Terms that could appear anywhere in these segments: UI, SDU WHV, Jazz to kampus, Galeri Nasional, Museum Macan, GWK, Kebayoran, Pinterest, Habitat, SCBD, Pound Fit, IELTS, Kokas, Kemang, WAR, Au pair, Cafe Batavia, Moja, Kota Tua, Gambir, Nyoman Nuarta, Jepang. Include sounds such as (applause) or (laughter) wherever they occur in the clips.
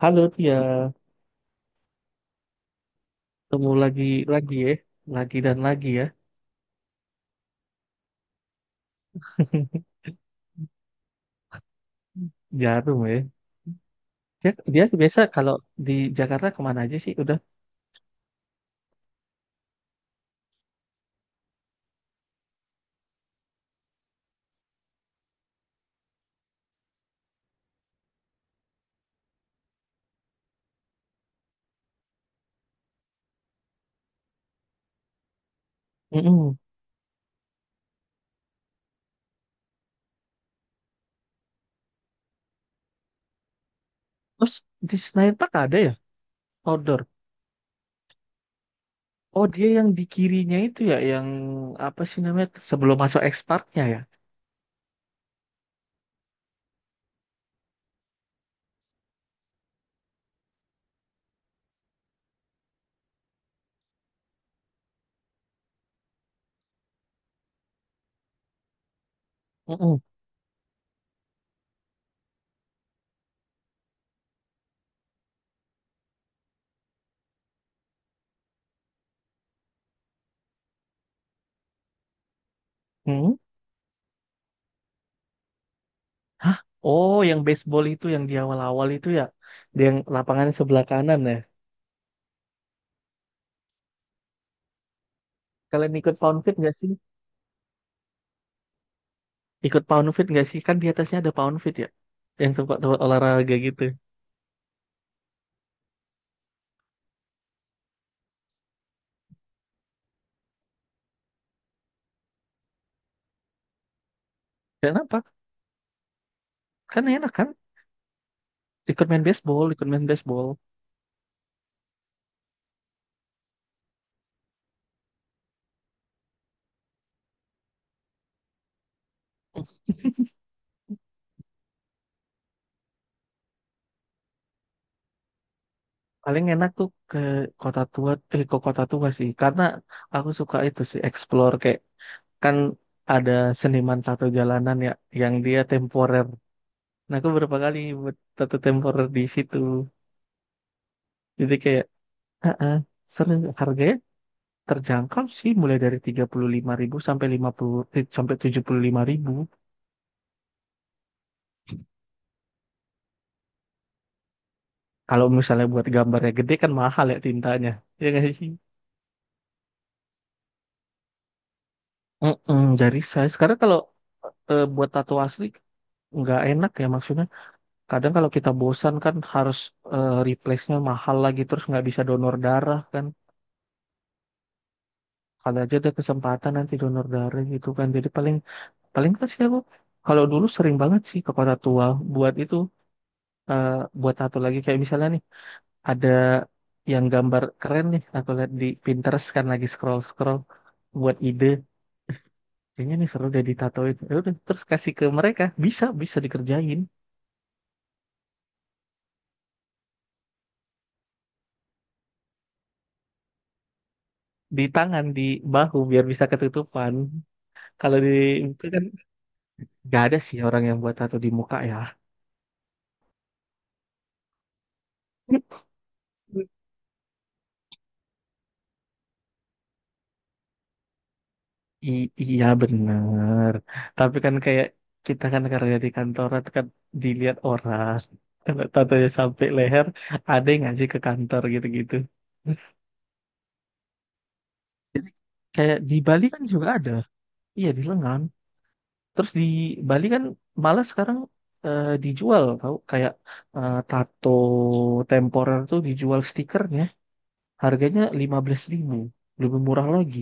Halo Tia, ketemu lagi ya, lagi dan lagi ya. (laughs) Jarum ya. Dia biasa kalau di Jakarta kemana aja sih? Udah. Mm-mm. Terus di Senayan Park ada ya outdoor. Oh dia yang di kirinya itu ya, yang apa sih namanya sebelum masuk X Parknya ya. Mm-mm. Mm-mm. Hah? Oh yang baseball itu yang di awal-awal itu ya, dia yang lapangannya sebelah kanan ya. Kalian ikut Pound Fit nggak sih? Ikut Pound Fit nggak sih? Kan di atasnya ada Pound Fit ya, yang tempat tempat olahraga gitu. Kenapa? Kan enak kan? Ikut main baseball, ikut main baseball. Paling enak tuh ke kota tua, ke kota tua sih. Karena aku suka itu sih, explore kayak kan ada seniman tato jalanan ya, yang dia temporer. Nah, aku berapa kali buat tato temporer di situ. Jadi kayak, ah, ah, seru. Harganya terjangkau sih, mulai dari 35.000 sampai 50 eh, sampai 75.000. Kalau misalnya buat gambarnya gede kan mahal ya tintanya. Ya nggak sih? Mm-mm, dari saya sekarang kalau buat tato asli nggak enak ya maksudnya. Kadang kalau kita bosan kan harus replace-nya mahal lagi terus nggak bisa donor darah kan. Kalau aja ada kesempatan nanti donor darah gitu kan. Jadi paling paling pas sih aku kalau dulu sering banget sih ke Kota Tua buat itu, eh, buat tato lagi kayak misalnya nih ada yang gambar keren nih aku lihat di Pinterest kan lagi scroll scroll buat ide, kayaknya nih seru deh ditatoin ya udah terus kasih ke mereka bisa bisa dikerjain di tangan, di bahu biar bisa ketutupan. Kalau di muka kan nggak ada sih orang yang buat tato di muka ya. (laughs) Iya bener, tapi kan kayak kita kan kerja di kantoran kan, dilihat orang. Kalau tatonya sampai leher ada yang ngasih ke kantor gitu-gitu. Kayak di Bali kan juga ada, iya di lengan. Terus di Bali kan malah sekarang, dijual tau kayak tato temporer tuh dijual stikernya. Harganya 15.000, lebih murah lagi.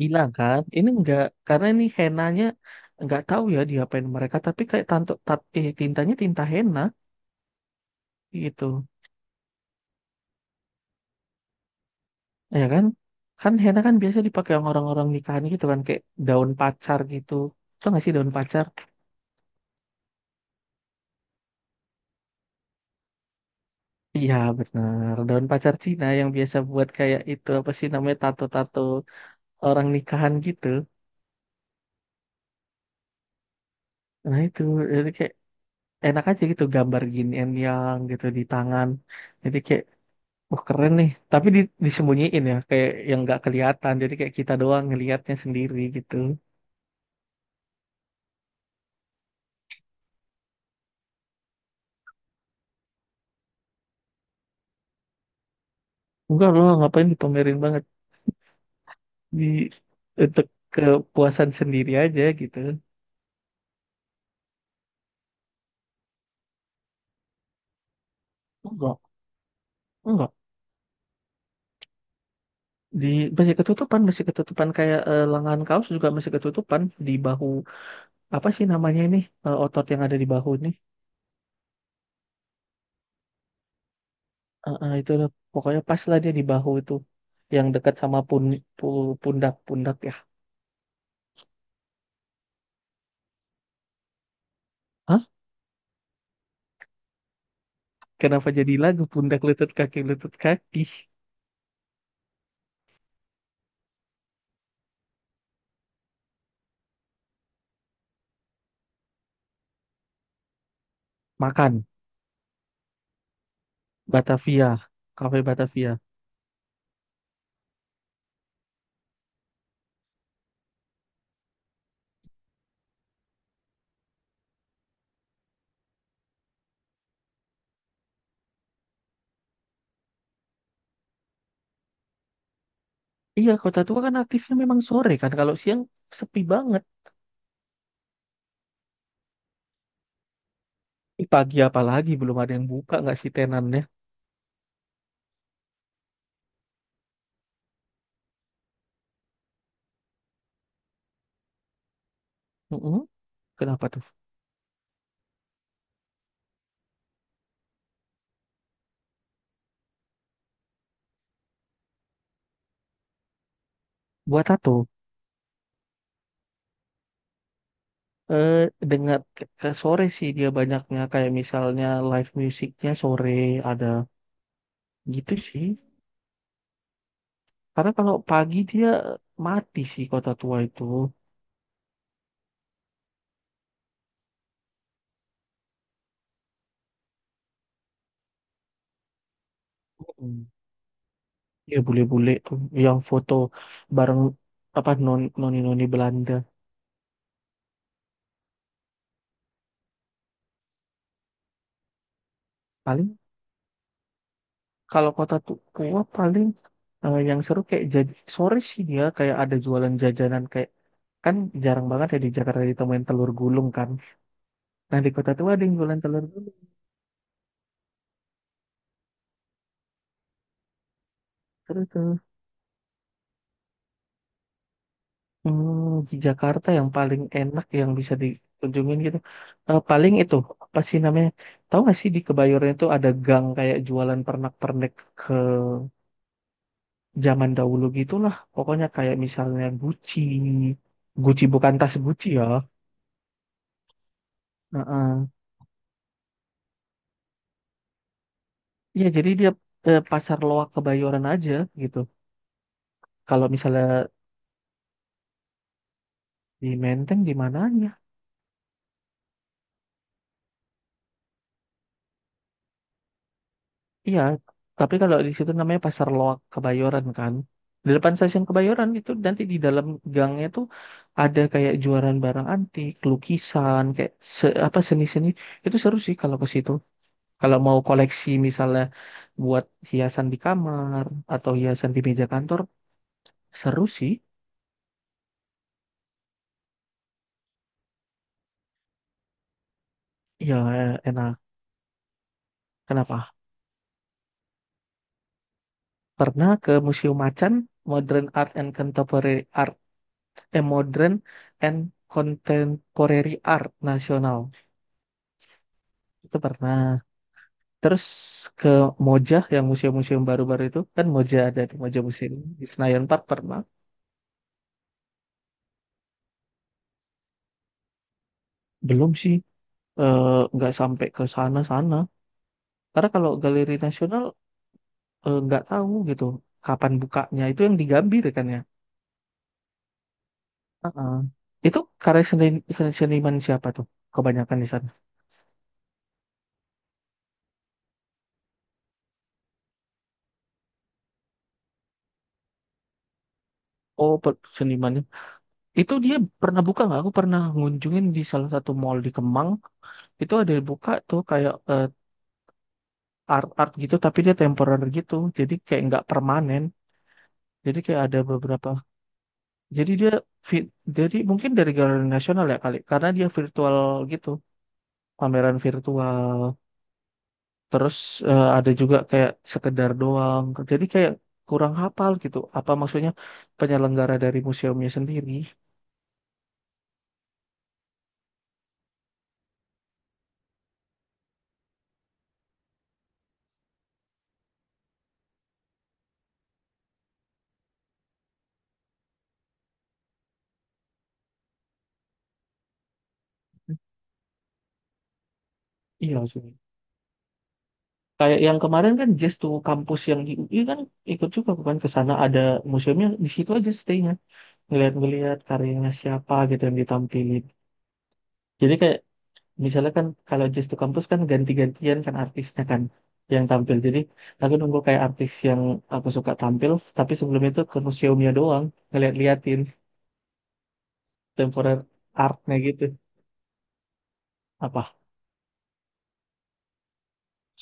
Hilang kan? Ini enggak, karena ini henanya enggak tahu ya diapain mereka, tapi kayak tintanya tinta henna gitu. Ya kan? Kan henna kan biasa dipakai sama orang-orang nikahan gitu kan, kayak daun pacar gitu. Tau nggak sih daun pacar? Iya benar, daun pacar Cina yang biasa buat kayak itu apa sih namanya tato-tato orang nikahan gitu. Nah itu jadi kayak enak aja gitu gambar yin and yang gitu di tangan. Jadi kayak wah keren nih. Tapi disembunyiin ya, kayak yang nggak kelihatan. Jadi kayak kita doang ngelihatnya sendiri gitu. Enggak loh, ngapain dipamerin banget, di untuk kepuasan sendiri aja gitu. Enggak, enggak. Di masih ketutupan kayak lengan kaos juga masih ketutupan di bahu. Apa sih namanya ini, otot yang ada di bahu ini. Itu loh, pokoknya pas lah dia di bahu itu yang dekat sama pundak-pundak ya. Hah? Kenapa jadi lagu pundak lutut kaki lutut kaki? Makan, Batavia, Cafe Batavia. Iya, kota tua kan aktifnya memang sore kan. Kalau siang sepi banget. Ini pagi apalagi belum ada yang buka nggak sih tenannya? Mm-mm. Kenapa tuh? Buat tato. Eh, dengar ke sore sih dia banyaknya kayak misalnya live musiknya sore ada gitu sih. Karena kalau pagi dia mati sih kota tua itu. Mm. Ya bule-bule tuh yang foto bareng apa noni noni Belanda. Paling kalau kota tua paling yang seru kayak jadi sore sih ya kayak ada jualan jajanan kayak kan jarang banget ya di Jakarta ditemuin telur gulung kan. Nah di kota tua ada yang jualan telur gulung, seru tuh. Hmm, di Jakarta yang paling enak yang bisa dikunjungin gitu. Paling itu apa sih namanya? Tahu nggak sih di Kebayoran itu ada gang kayak jualan pernak-pernik ke zaman dahulu gitulah. Pokoknya kayak misalnya Gucci, Gucci bukan tas Gucci ya. Heeh. Iya, jadi dia ke pasar loak Kebayoran aja gitu. Kalau misalnya di Menteng di mananya? Iya, tapi kalau di situ namanya pasar loak Kebayoran kan. Di depan stasiun Kebayoran itu nanti di dalam gangnya tuh ada kayak jualan barang antik, lukisan, kayak apa seni-seni. Itu seru sih kalau ke situ. Kalau mau koleksi misalnya buat hiasan di kamar atau hiasan di meja kantor, seru sih. Iya, enak. Kenapa? Pernah ke Museum Macan, Modern Art and Contemporary Art, Modern and Contemporary Art Nasional. Itu pernah. Terus ke Moja, yang museum-museum baru-baru itu. Kan Moja ada tuh, Moja Museum. Di Senayan Park pernah. Belum sih, eh, nggak sampai ke sana-sana. Karena kalau Galeri Nasional nggak tahu gitu kapan bukanya. Itu yang di Gambir kan ya. Heeh. Itu karya seniman siapa tuh? Kebanyakan di sana. Oh, seniman itu dia pernah buka nggak? Aku pernah ngunjungin di salah satu mall di Kemang. Itu ada yang buka tuh kayak art-art gitu, tapi dia temporary gitu. Jadi kayak nggak permanen. Jadi kayak ada beberapa. Jadi dia fit. Jadi mungkin dari galeri nasional ya kali, karena dia virtual gitu, pameran virtual. Terus ada juga kayak sekedar doang. Jadi kayak kurang hafal gitu. Apa maksudnya penyelenggara dari museumnya sendiri? Iya sih. Kayak yang kemarin kan Jazz to kampus yang di UI kan ikut juga bukan ke sana ada museumnya di situ aja stay-nya ngeliat-ngeliat karyanya siapa gitu yang ditampilin. Jadi kayak misalnya kan kalau Jazz to kampus kan ganti-gantian kan artisnya kan yang tampil. Jadi aku nunggu kayak artis yang aku suka tampil tapi sebelum itu ke museumnya doang ngeliat-liatin temporary artnya gitu. Apa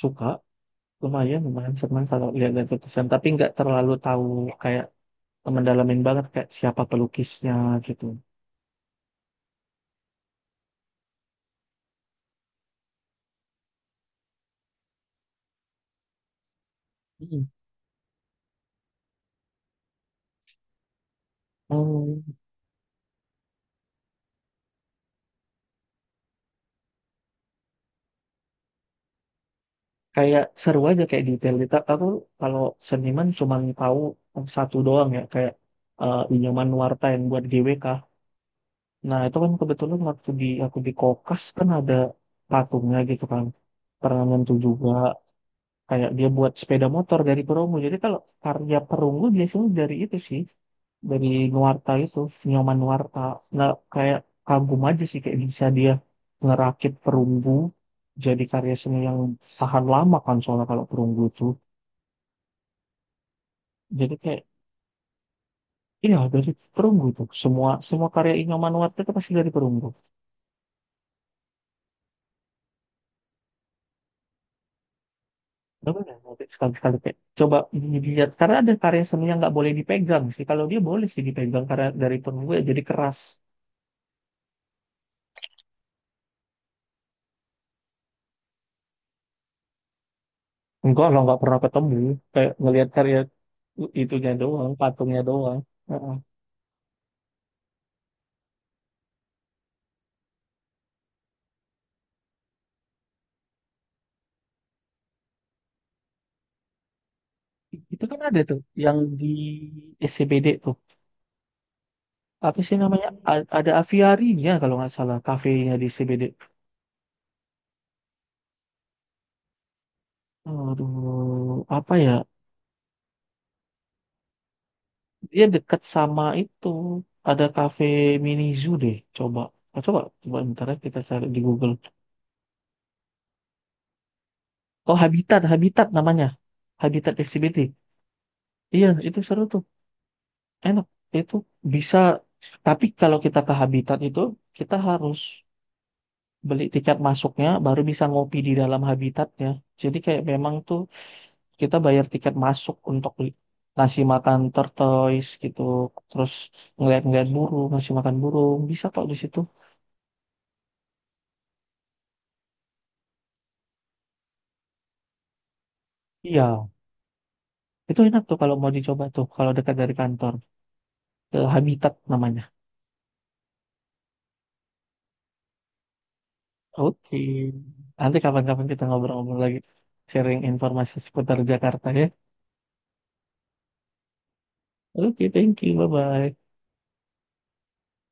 suka lumayan lumayan senang kalau lihat-lihat lukisan tapi nggak terlalu tahu kayak mendalamin banget kayak siapa pelukisnya gitu. Mm. Oh, kayak seru aja kayak detail. Aku kalau seniman cuma tahu satu doang ya kayak Inyoman Nuarta yang buat GWK. Nah itu kan kebetulan waktu di aku di Kokas kan ada patungnya gitu kan. Pernah nyentuh juga. Kayak dia buat sepeda motor dari perunggu. Jadi kalau karya perunggu biasanya dari itu sih, dari Nuarta itu, Nyoman Nuarta. Nggak kayak kagum aja sih kayak bisa dia ngerakit perunggu jadi karya seni yang tahan lama kan soalnya kalau perunggu itu. Jadi kayak iya dari perunggu tuh semua semua karya Nyoman Nuarta itu pasti dari perunggu. Coba deh, nanti sekali-sekali kayak coba dilihat karena ada karya seni yang nggak boleh dipegang sih. Kalau dia boleh sih dipegang karena dari perunggu ya jadi keras. Enggak lah, nggak pernah ketemu. Kayak ngelihat karya itunya doang, patungnya doang. Heeh. Itu kan ada tuh, yang di SCBD tuh. Apa sih namanya? Ada aviarinya kalau nggak salah, kafenya di SCBD. Aduh, apa ya? Dia dekat sama itu. Ada kafe mini zoo deh, coba. Oh, coba, coba bentar ya kita cari di Google. Oh, Habitat, Habitat namanya. Habitat SCBD. Iya, itu seru tuh. Enak. Itu bisa. Tapi kalau kita ke habitat itu, kita harus beli tiket masuknya, baru bisa ngopi di dalam habitatnya. Jadi kayak memang tuh kita bayar tiket masuk untuk ngasih makan tortoise gitu. Terus ngeliat-ngeliat burung, ngasih makan burung. Bisa kok di situ. Iya. Itu enak tuh kalau mau dicoba tuh. Kalau dekat dari kantor. Ke habitat namanya. Oke. Nanti kapan-kapan kita ngobrol-ngobrol lagi. Sharing informasi seputar Jakarta ya. Oke, thank you. Bye-bye.